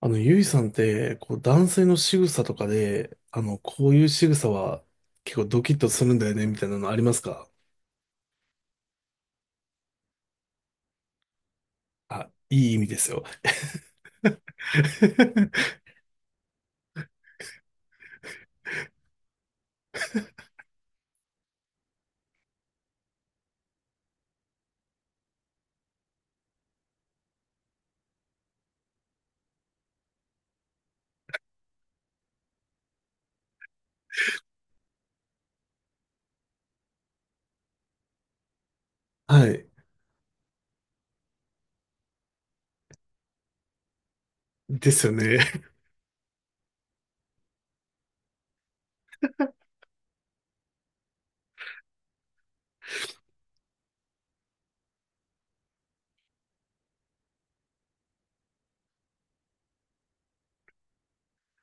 ゆいさんって、男性の仕草とかで、こういう仕草は結構ドキッとするんだよね、みたいなのありますか？あ、いい意味ですよ。はい。ですよね。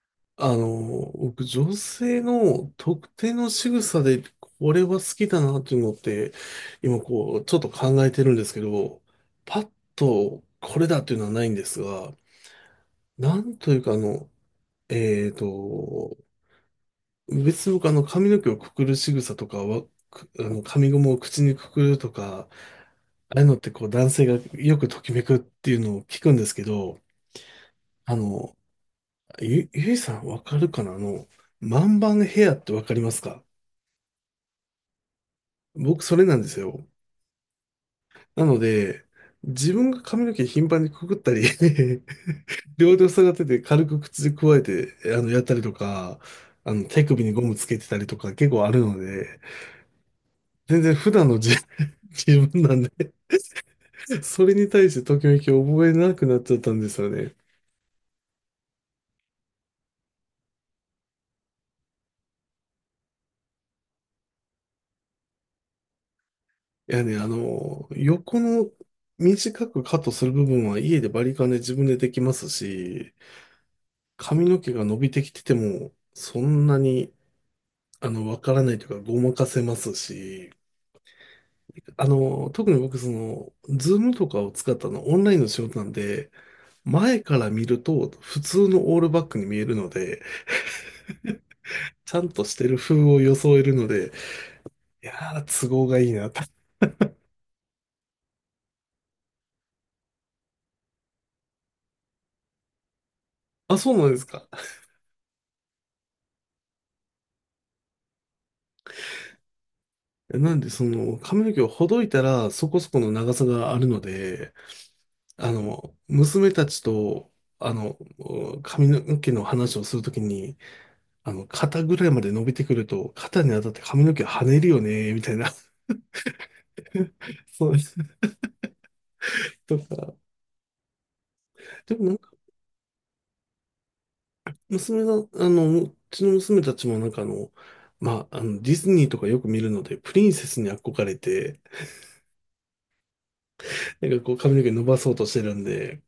僕、女性の特定の仕草で、これは好きだなっていうのって、今こう、ちょっと考えてるんですけど、パッとこれだっていうのはないんですが、なんというかあの、えーと、別に僕あの髪の毛をくくる仕草とかは、あの髪ゴムを口にくくるとか、ああいうのってこう男性がよくときめくっていうのを聞くんですけど、あの、ゆいさんわかるかな、あの、万番ヘアってわかりますか？僕それなんですよ。なので、自分が髪の毛頻繁にくくったり 両手を下がってて軽く口でくわえてやったりとか、あの手首にゴムつけてたりとか結構あるので、全然普段の自 自分なんでそれに対してときめきを覚えなくなっちゃったんですよね。いやね、あの、横の短くカットする部分は家でバリカンで自分でできますし、髪の毛が伸びてきてても、そんなに、あの、わからないというか、ごまかせますし、あの、特に僕、その、ズームとかを使ったの、オンラインの仕事なんで、前から見ると、普通のオールバックに見えるので、ちゃんとしてる風を装えるので、いやー、都合がいいなと。あ、そうなんですか。なんで、その、髪の毛をほどいたら、そこそこの長さがあるので、あの、娘たちと、あの、髪の毛の話をするときに、あの、肩ぐらいまで伸びてくると、肩に当たって髪の毛跳ねるよね、みたいな。そう、とか。でもなんか、娘が、あの、うちの娘たちもなんかあの、まあ、あの、ディズニーとかよく見るので、プリンセスに憧れて、なんかこう髪の毛伸ばそうとしてるんで、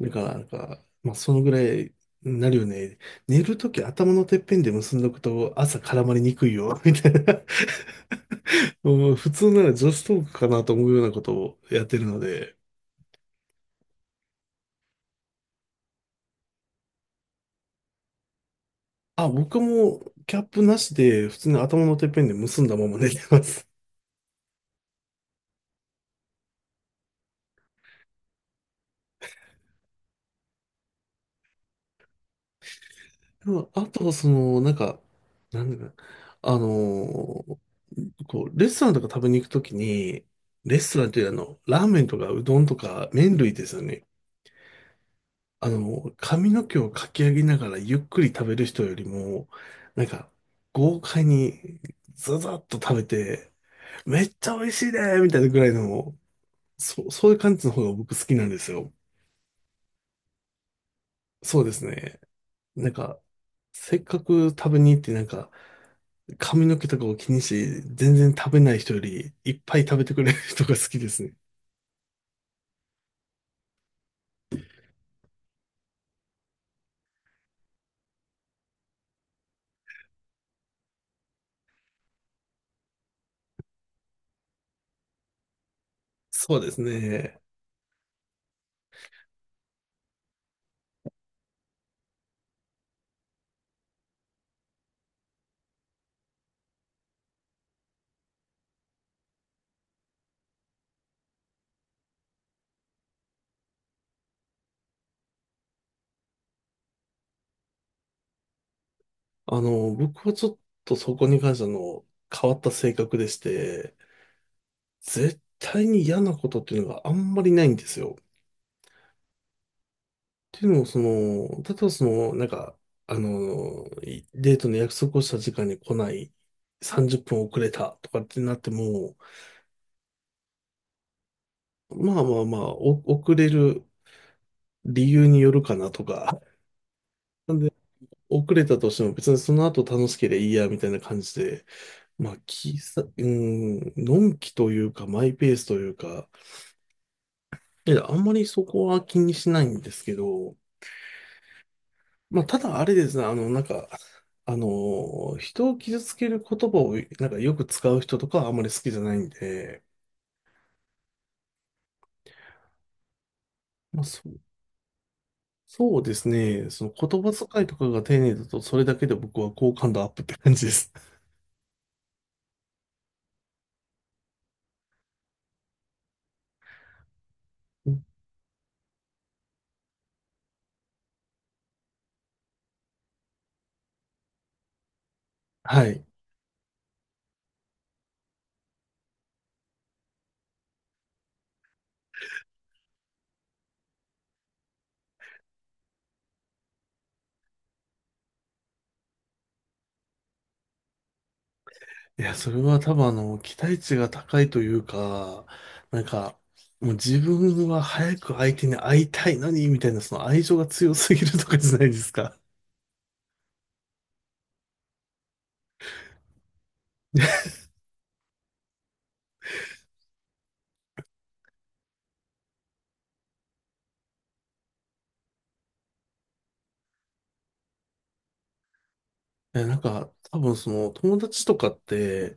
だから、なんか、まあ、そのぐらいになるよね。寝るとき頭のてっぺんで結んどくと朝絡まりにくいよ、みたいな。もう普通なら女子トークかなと思うようなことをやってるので。あ、僕もキャップなしで普通に頭のてっぺんで結んだまま寝てます。でもあとはその、なんか、なんだかあのーこう、レストランとか食べに行くときに、レストランというよりあの、ラーメンとかうどんとか麺類ですよね。あの、髪の毛をかき上げながらゆっくり食べる人よりも、なんか、豪快にザザッと食べて、めっちゃ美味しいねみたいなぐらいの、そういう感じの方が僕好きなんですよ。そうですね。なんか、せっかく食べに行ってなんか、髪の毛とかを気にして全然食べない人より、いっぱい食べてくれる人が好きですね。そうですね。あの、僕はちょっとそこに関してあの、変わった性格でして、絶対に嫌なことっていうのがあんまりないんですよ。っていうのも、その、例えばその、なんか、あの、デートの約束をした時間に来ない、30分遅れたとかってなっても、まあ、遅れる理由によるかなとか、なんで、遅れたとしても別にその後楽しければいいや、みたいな感じで、まあ、うん、のんきというか、マイペースというか、いやあんまりそこは気にしないんですけど、まあ、ただあれですね、あの、なんか、人を傷つける言葉を、なんかよく使う人とかはあんまり好きじゃないんで、まあ、そうですね、その言葉遣いとかが丁寧だと、それだけで僕は好感度アップって感じです。はい。いや、それは多分あの、期待値が高いというか、なんか、もう自分は早く相手に会いたいのに、みたいな、その愛情が強すぎるとかじゃないですか。いや、なんか、多分その友達とかって、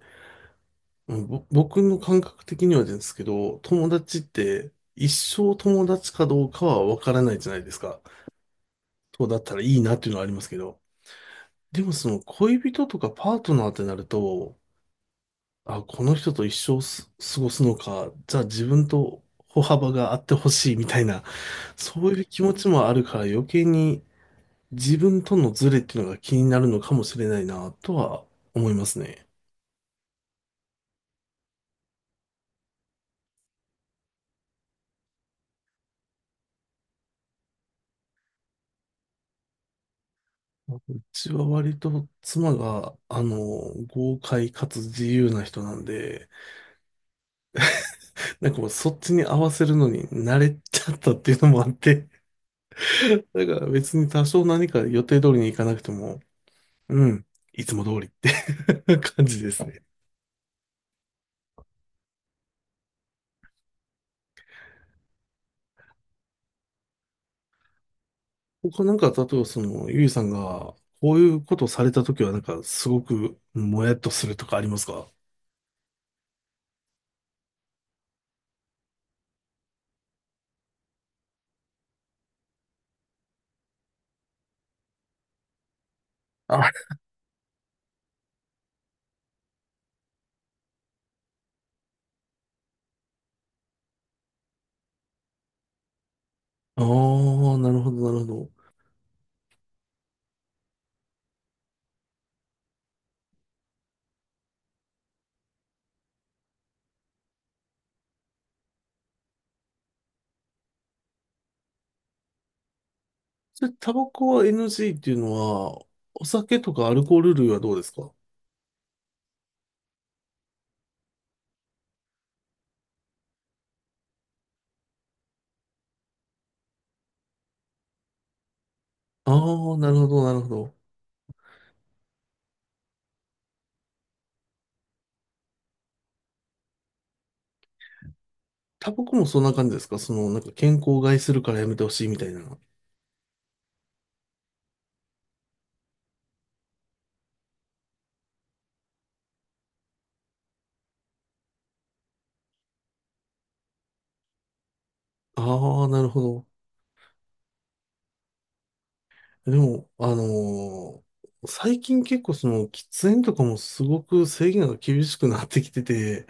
うんぼ僕の感覚的にはですけど、友達って一生友達かどうかはわからないじゃないですか。そうだったらいいなっていうのはありますけど。でもその恋人とかパートナーってなると、あ、この人と一生す過ごすのか、じゃあ自分と歩幅があってほしいみたいな、そういう気持ちもあるから余計に自分とのズレっていうのが気になるのかもしれないなとは思いますね。うちは割と妻が、あの、豪快かつ自由な人なんで、なんかもうそっちに合わせるのに慣れちゃったっていうのもあって、だから別に多少何か予定通りに行かなくても、うん、いつも通りって 感じですね。他なんか、例えばその、ゆいさんが、こういうことをされたときはなんか、すごくもやっとするとかありますか？あ、あーなるほど、なるほど。それ、タバコは NG っていうのは、お酒とかアルコール類はどうですか？ああ、なるほど、なるほど。タバコもそんな感じですか？その、なんか健康を害するからやめてほしいみたいな。ああ、なるほど。でも、あのー最近結構その、喫煙とかもすごく制限が厳しくなってきてて、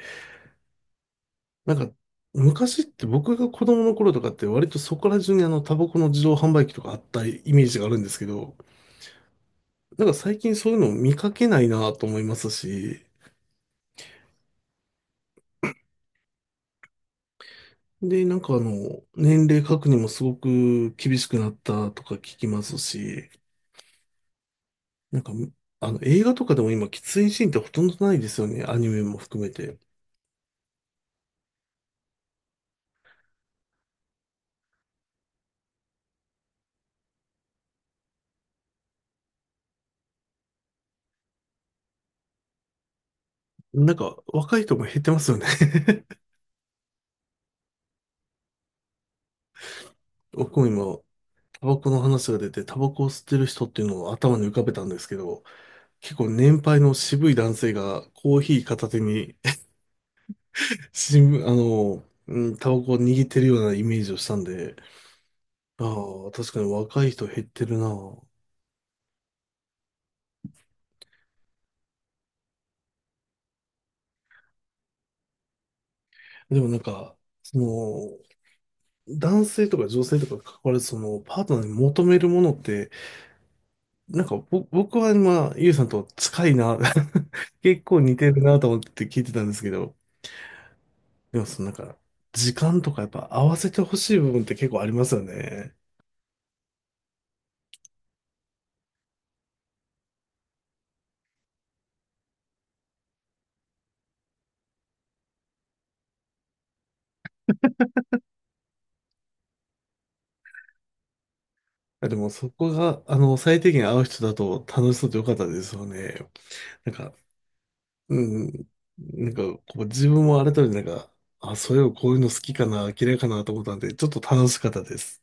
なんか、昔って僕が子供の頃とかって割とそこら中にあの、タバコの自動販売機とかあったイメージがあるんですけど、なんか最近そういうのを見かけないなと思いますし、で、なんかあの、年齢確認もすごく厳しくなったとか聞きますし、なんか、あの、映画とかでも今、喫煙シーンってほとんどないですよね。アニメも含めて。なんか、若い人も減ってますよね。僕も今、タバコの話が出て、タバコを吸ってる人っていうのを頭に浮かべたんですけど、結構年配の渋い男性がコーヒー片手に 新聞、あの、うん、タバコを握ってるようなイメージをしたんで、ああ、確かに若い人減ってるなぁ。でもなんか、その、男性とか女性とかに関わらず、その、パートナーに求めるものって、なんか、僕は今、ゆうさんと近いな、結構似てるなと思って聞いてたんですけど、でもそのなんか、時間とかやっぱ合わせてほしい部分って結構ありますよね。あでもそこが、あの、最低限合う人だと楽しそうでよかったですよね。なんか、うん、なんか、こう自分も改めてなんか、あ、そういえばこういうの好きかな、嫌いかなと思ったんで、ちょっと楽しかったです。